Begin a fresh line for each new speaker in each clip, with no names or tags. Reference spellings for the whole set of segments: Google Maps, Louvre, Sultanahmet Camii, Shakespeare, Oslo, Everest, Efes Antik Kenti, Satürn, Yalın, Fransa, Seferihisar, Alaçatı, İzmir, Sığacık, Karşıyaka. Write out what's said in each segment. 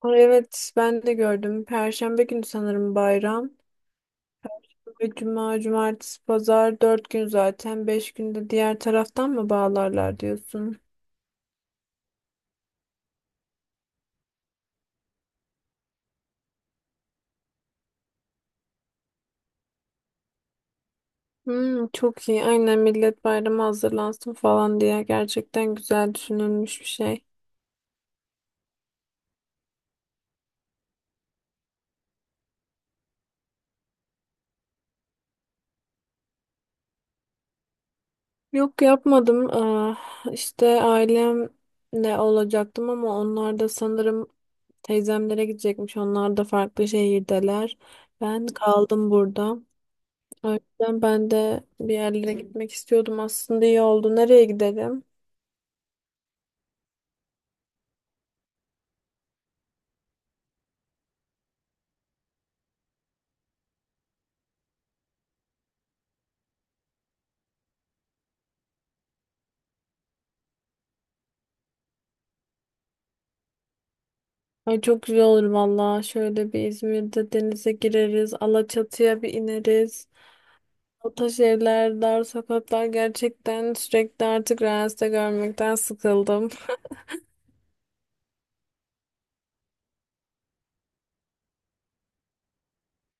Ay, evet ben de gördüm. Perşembe günü sanırım bayram. Ve cuma, cumartesi, pazar dört gün zaten. Beş günde diğer taraftan mı bağlarlar diyorsun? Hmm, çok iyi. Aynen millet bayrama hazırlansın falan diye gerçekten güzel düşünülmüş bir şey. Yok yapmadım. Aa, işte ailemle olacaktım ama onlar da sanırım teyzemlere gidecekmiş. Onlar da farklı şehirdeler. Ben kaldım burada. O yüzden ben de bir yerlere gitmek istiyordum. Aslında iyi oldu. Nereye gidelim? Ay, çok güzel olur valla. Şöyle bir İzmir'de denize gireriz. Alaçatı'ya bir ineriz. O taş evler, dar sokaklar gerçekten sürekli artık Reels'te görmekten sıkıldım.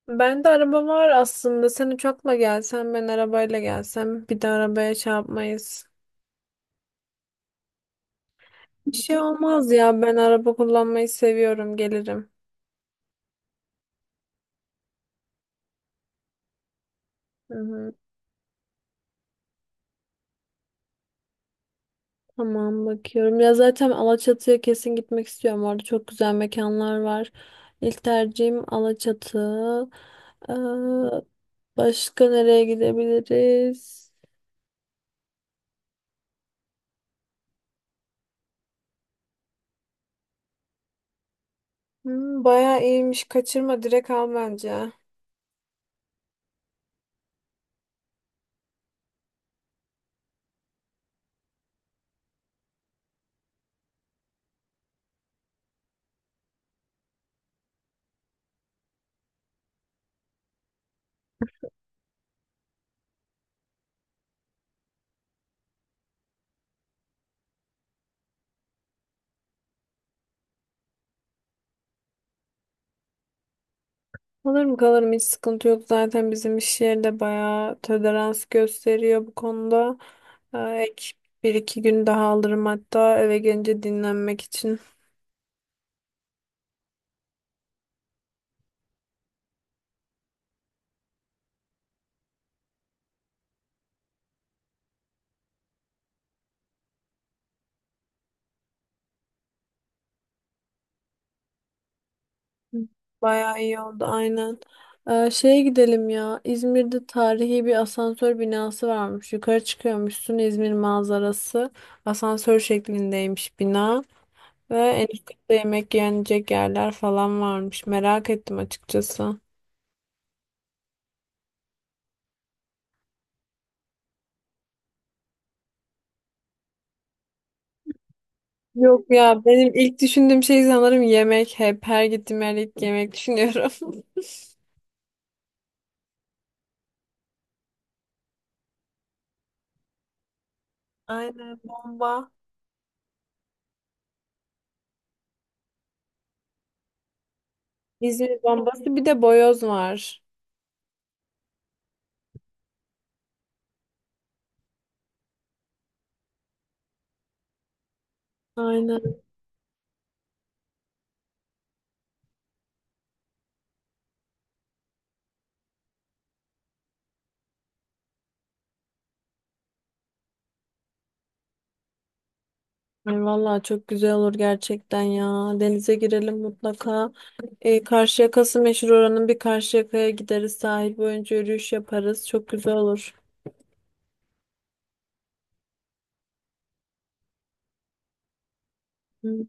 Ben de araba var aslında. Sen uçakla gelsen, ben arabayla gelsem. Bir de arabaya çarpmayız. Bir şey olmaz ya. Ben araba kullanmayı seviyorum. Gelirim. Hı hı. Tamam, bakıyorum. Ya zaten Alaçatı'ya kesin gitmek istiyorum. Orada çok güzel mekanlar var. İlk tercihim Alaçatı. Ee, Başka nereye gidebiliriz? Hmm, bayağı iyiymiş. Kaçırma, direkt al bence. Kalırım kalırım, hiç sıkıntı yok. Zaten bizim iş yeri de bayağı tolerans gösteriyor bu konuda. Ek bir iki gün daha alırım hatta, eve gelince dinlenmek için. Bayağı iyi oldu, aynen. Şeye gidelim ya. İzmir'de tarihi bir asansör binası varmış. Yukarı çıkıyormuşsun, İzmir manzarası. Asansör şeklindeymiş bina. Ve en üst katta yemek yenecek yerler falan varmış. Merak ettim açıkçası. Yok ya, benim ilk düşündüğüm şey sanırım yemek. Hep her gittiğim yerde ilk yemek düşünüyorum. Aynen, bomba. İzmir bombası bir de boyoz var. Aynen. Ay vallahi çok güzel olur gerçekten ya. Denize girelim mutlaka. E, Karşıyaka'sı meşhur oranın, bir Karşıyaka'ya gideriz. Sahil boyunca yürüyüş yaparız. Çok güzel olur. Hı.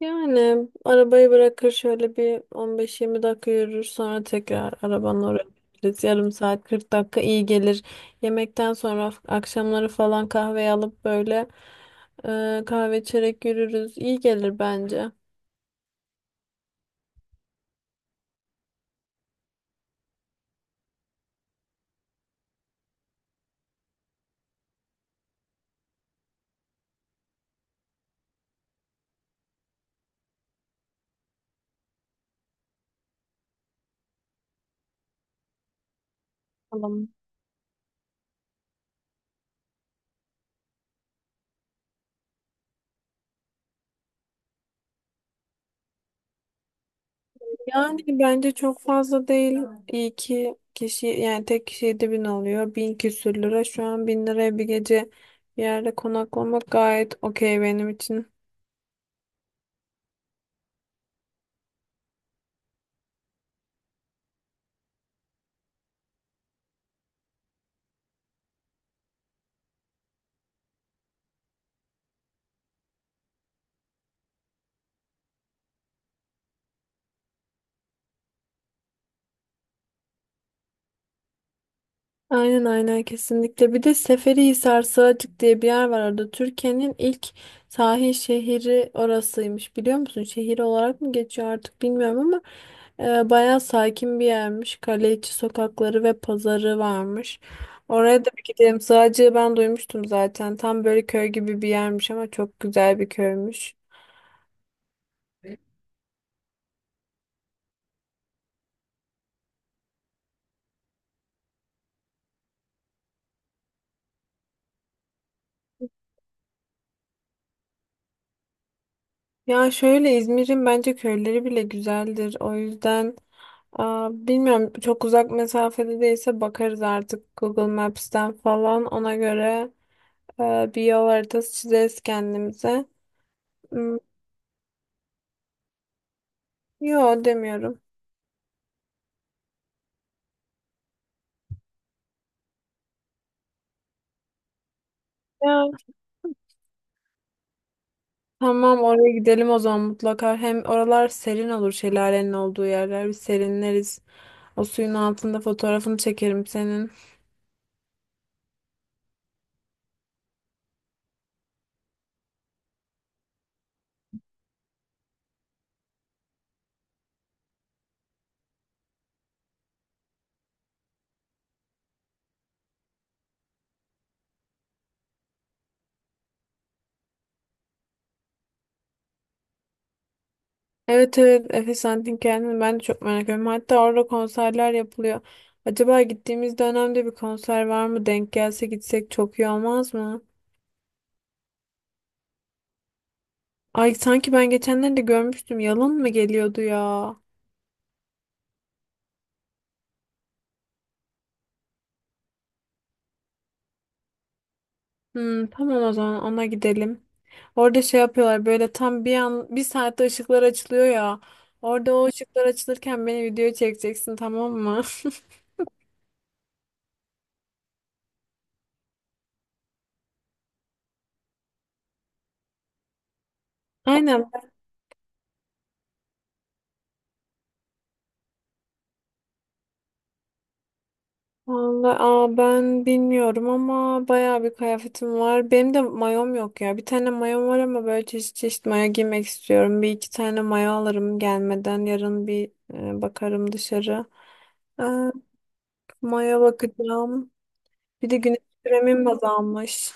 Yani arabayı bırakır şöyle bir 15-20 dakika yürür, sonra tekrar arabanın oraya gideriz. Yarım saat, 40 dakika iyi gelir. Yemekten sonra akşamları falan kahve alıp böyle kahve içerek yürürüz. İyi gelir bence. Tamam. Yani bence çok fazla değil. İyi ki kişi, yani tek kişi 7000 bin alıyor. Bin küsür lira. Şu an bin liraya bir gece bir yerde konaklamak gayet okey benim için. Aynen aynen, kesinlikle. Bir de Seferihisar Sığacık diye bir yer var orada. Türkiye'nin ilk sahil şehri orasıymış. Biliyor musun? Şehir olarak mı geçiyor artık bilmiyorum ama bayağı sakin bir yermiş. Kale içi sokakları ve pazarı varmış. Oraya da bir gidelim. Sığacığı ben duymuştum zaten. Tam böyle köy gibi bir yermiş ama çok güzel bir köymüş. Ya şöyle, İzmir'in bence köyleri bile güzeldir. O yüzden aa, bilmiyorum, çok uzak mesafede değilse bakarız artık Google Maps'ten falan, ona göre bir yol haritası çizeriz kendimize. Hmm, yo, demiyorum. Ya, tamam, oraya gidelim o zaman mutlaka. Hem oralar serin olur şelalenin olduğu yerler. Bir serinleriz. O suyun altında fotoğrafını çekerim senin. Evet evet, Efes Antik Kenti'ni ben de çok merak ediyorum. Hatta orada konserler yapılıyor. Acaba gittiğimiz dönemde bir konser var mı? Denk gelse gitsek çok iyi olmaz mı? Ay sanki ben geçenlerde görmüştüm. Yalın mı geliyordu ya? Hmm, tamam, o zaman ona gidelim. Orada şey yapıyorlar, böyle tam bir an bir saatte ışıklar açılıyor ya. Orada o ışıklar açılırken beni video çekeceksin, tamam mı? Aynen. Vallahi, aa, ben bilmiyorum ama bayağı bir kıyafetim var. Benim de mayom yok ya. Bir tane mayom var ama böyle çeşit çeşit mayo giymek istiyorum. Bir iki tane mayo alırım gelmeden. Yarın bir bakarım dışarı. Ee, Mayo bakacağım. Bir de güneş kremim azalmış.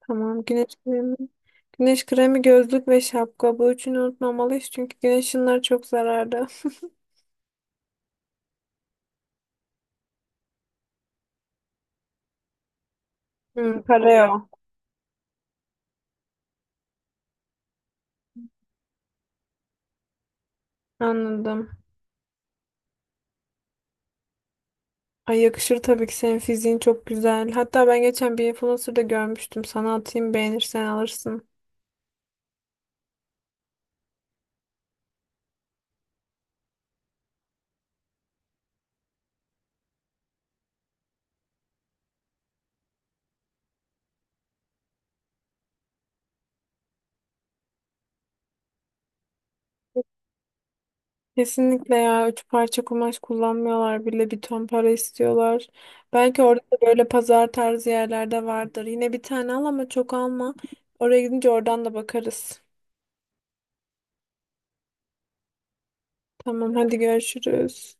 Tamam, güneş kremi. Güneş kremi, gözlük ve şapka. Bu üçünü unutmamalıyız çünkü güneş ışınları çok zararlı. Hmm, pareo. Anladım. Ay yakışır tabii ki, senin fiziğin çok güzel. Hatta ben geçen bir influencer'da görmüştüm. Sana atayım, beğenirsen alırsın. Kesinlikle ya. Üç parça kumaş kullanmıyorlar bile. Bir ton para istiyorlar. Belki orada da böyle pazar tarzı yerlerde vardır. Yine bir tane al ama çok alma. Oraya gidince oradan da bakarız. Tamam, hadi görüşürüz.